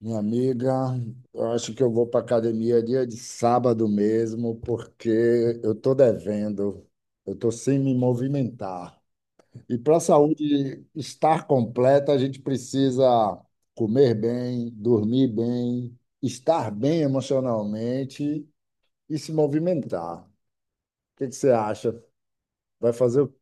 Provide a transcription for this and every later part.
Minha amiga, eu acho que eu vou para academia dia de sábado mesmo, porque eu estou devendo, eu estou sem me movimentar. E para a saúde estar completa, a gente precisa comer bem, dormir bem, estar bem emocionalmente e se movimentar. O que que você acha? Vai fazer o quê?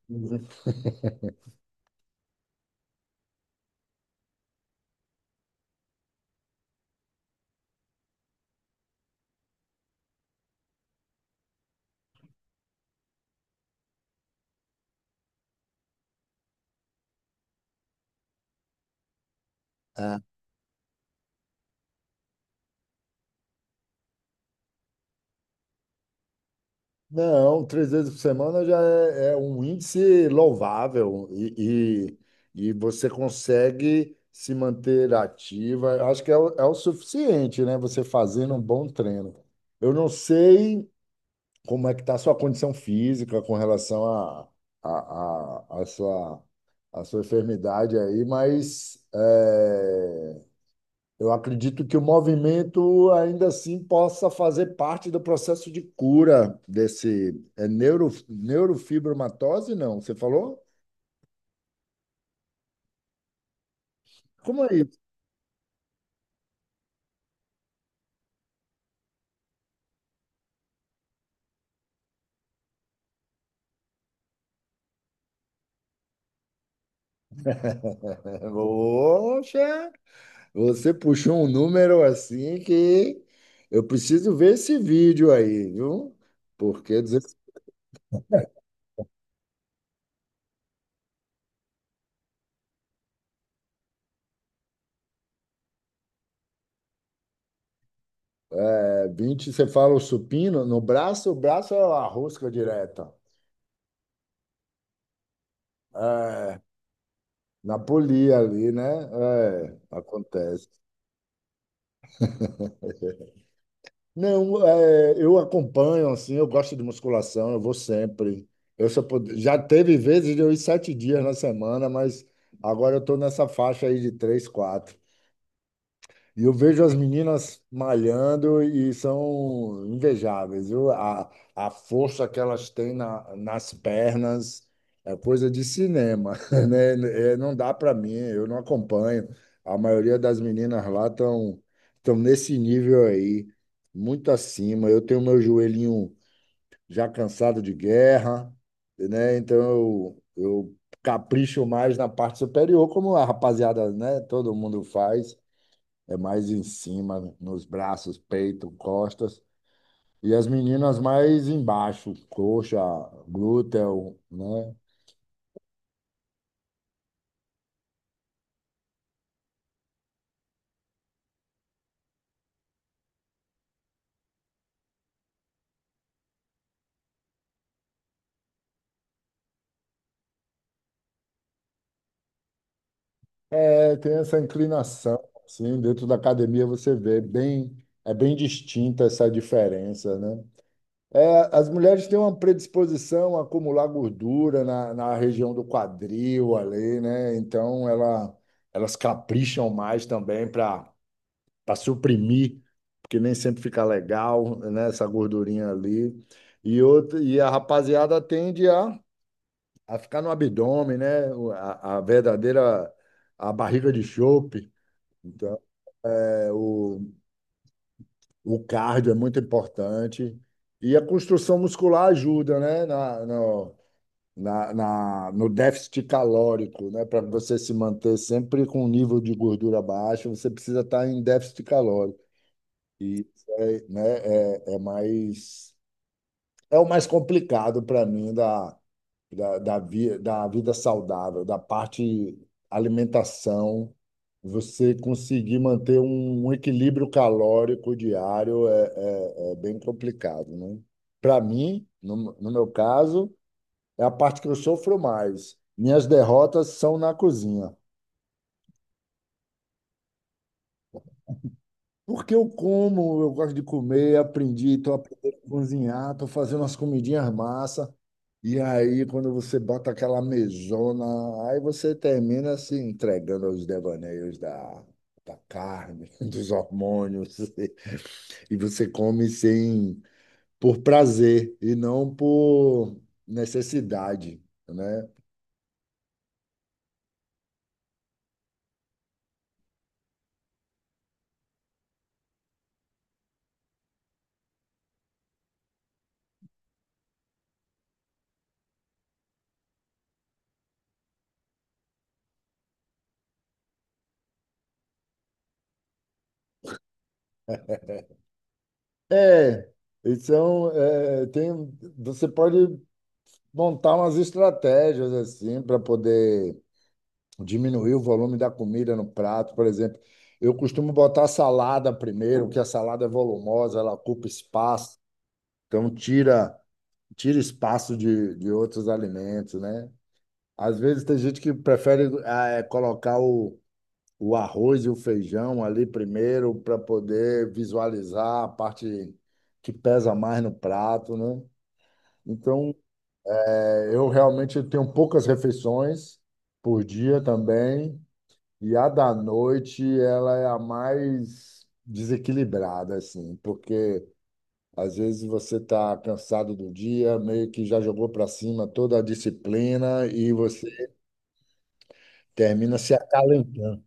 É. Não, 3 vezes por semana já é um índice louvável e você consegue se manter ativa. Eu acho que é o suficiente, né? Você fazendo um bom treino. Eu não sei como é que está a sua condição física com relação à a, a, a, sua, a sua enfermidade aí, mas eu acredito que o movimento ainda assim possa fazer parte do processo de cura desse neurofibromatose, não? Você falou? Como é isso? Poxa, você puxou um número assim que eu preciso ver esse vídeo aí, viu? Porque dizer- 20, você fala o supino, no braço, o braço é a rosca direta. É, na polia ali, né? É, acontece. Não, é, eu acompanho, assim, eu gosto de musculação, eu vou sempre. Já teve vezes de eu ir 7 dias na semana, mas agora eu estou nessa faixa aí de três, quatro. E eu vejo as meninas malhando e são invejáveis, viu? A força que elas têm nas pernas é coisa de cinema, né? É, não dá para mim, eu não acompanho. A maioria das meninas lá estão nesse nível aí, muito acima. Eu tenho meu joelhinho já cansado de guerra, né? Então eu capricho mais na parte superior, como a rapaziada, né? Todo mundo faz é mais em cima, nos braços, peito, costas. E as meninas mais embaixo, coxa, glúteo, né? É, tem essa inclinação, assim, dentro da academia você vê bem, é bem distinta essa diferença, né? É, as mulheres têm uma predisposição a acumular gordura na região do quadril ali, né? Então elas capricham mais também para suprimir, que nem sempre fica legal, né? Essa gordurinha ali. E, outra, e a rapaziada tende a ficar no abdômen, né? A verdadeira a barriga de chope. Então, é, o, o cardio é muito importante. E a construção muscular ajuda, né? Na, no, na, na- No déficit calórico, né? Para você se manter sempre com um nível de gordura baixo, você precisa estar em déficit calórico. E, é, né, é, é mais é o mais complicado para mim da vida saudável, da parte alimentação. Você conseguir manter um equilíbrio calórico diário é bem complicado, né? Para mim, no meu caso, é a parte que eu sofro mais. Minhas derrotas são na cozinha. Porque eu como, eu gosto de comer, aprendi, tô aprendendo a cozinhar, tô fazendo umas comidinhas massa. E aí, quando você bota aquela mesona, aí você termina se entregando aos devaneios da carne, dos hormônios, e você come sem, por prazer e não por necessidade, né? É, então, é, tem, você pode montar umas estratégias assim para poder diminuir o volume da comida no prato, por exemplo. Eu costumo botar salada primeiro, que a salada é volumosa, ela ocupa espaço, então tira espaço de outros alimentos, né? Às vezes tem gente que prefere colocar o arroz e o feijão ali primeiro para poder visualizar a parte que pesa mais no prato, né? Então, é, eu realmente tenho poucas refeições por dia também. E a da noite, ela é a mais desequilibrada, assim, porque às vezes você está cansado do dia, meio que já jogou para cima toda a disciplina e você termina se acalentando.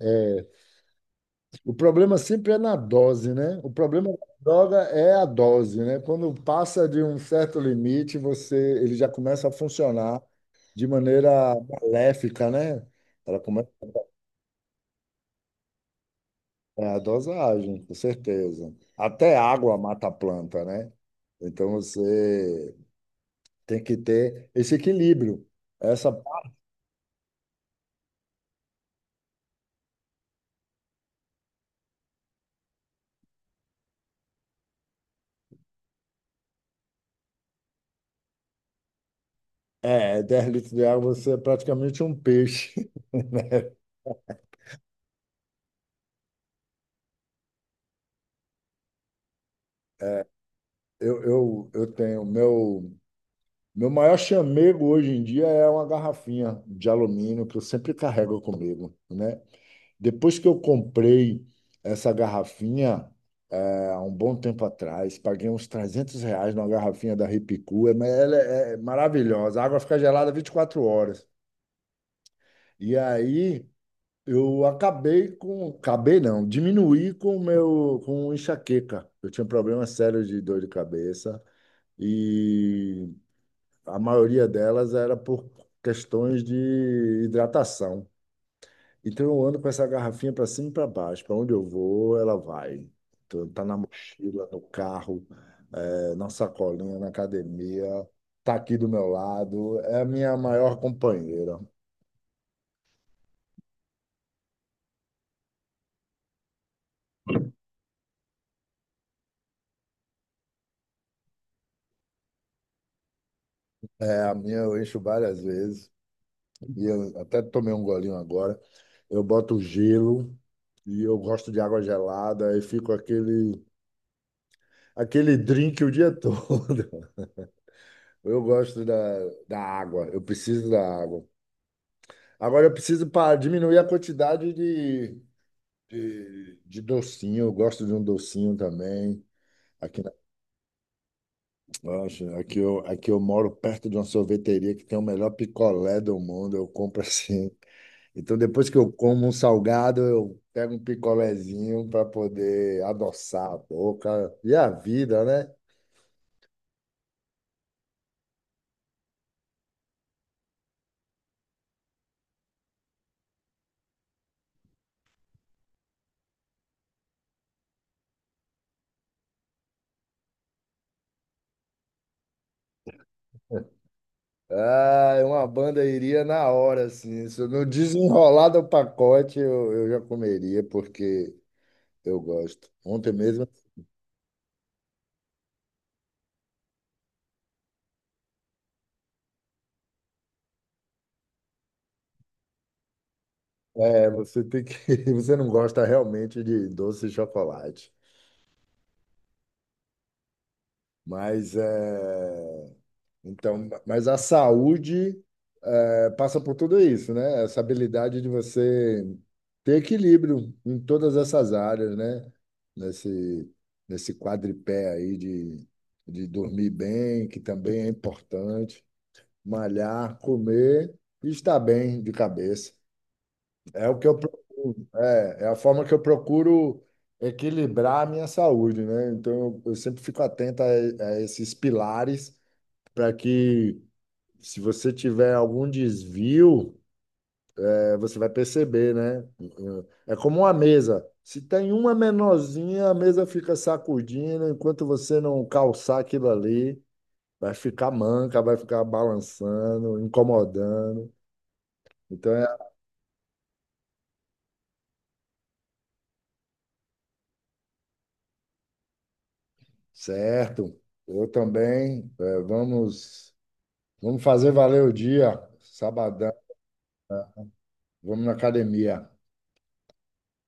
É, o problema sempre é na dose, né? O problema da droga é a dose, né? Quando passa de um certo limite, ele já começa a funcionar de maneira maléfica, né? Ela começa É a dosagem, com certeza. Até água mata a planta, né? Então você tem que ter esse equilíbrio. Essa é 10 litros de água, você é praticamente um peixe. Eu tenho meu maior chamego hoje em dia é uma garrafinha de alumínio que eu sempre carrego comigo, né? Depois que eu comprei essa garrafinha, há um bom tempo atrás, paguei uns R$ 300 numa garrafinha da Ripicu, mas ela é maravilhosa. A água fica gelada 24 horas. E aí eu acabei com, acabei não, diminuí com o meu, com enxaqueca. Eu tinha um problema sério de dor de cabeça, e a maioria delas era por questões de hidratação. Então eu ando com essa garrafinha para cima e para baixo. Para onde eu vou, ela vai. Então, tá na mochila, no carro, na sacolinha, na academia, tá aqui do meu lado. É a minha maior companheira. É a minha, eu encho várias vezes. E eu até tomei um golinho agora. Eu boto gelo e eu gosto de água gelada e fico aquele drink o dia todo. Eu gosto da água, eu preciso da água. Agora eu preciso para diminuir a quantidade de docinho. Eu gosto de um docinho também. Aqui, na, Nossa, aqui eu moro perto de uma sorveteria que tem o melhor picolé do mundo. Eu compro assim. Então, depois que eu como um salgado, eu pego um picolézinho para poder adoçar a boca. E a vida, né? Ah, uma banda iria na hora, assim. Se eu não desenrolar do pacote, eu já comeria, porque eu gosto. Ontem mesmo é, você tem que, você não gosta realmente de doce de chocolate, mas é, então, mas a saúde é, passa por tudo isso, né? Essa habilidade de você ter equilíbrio em todas essas áreas, né? Nesse nesse quadripé aí de dormir bem, que também é importante, malhar, comer e estar bem de cabeça. É o que eu procuro, é a forma que eu procuro equilibrar a minha saúde, né? Então eu sempre fico atento a esses pilares, para que, se você tiver algum desvio, você vai perceber, né? É como uma mesa. Se tem uma menorzinha, a mesa fica sacudindo, enquanto você não calçar aquilo ali, vai ficar manca, vai ficar balançando, incomodando. Então é. Certo. Eu também, é, vamos. Vamos fazer valer o dia, sabadão. Vamos na academia.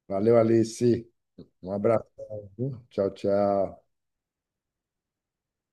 Valeu, Alice. Um abraço. Tchau, tchau.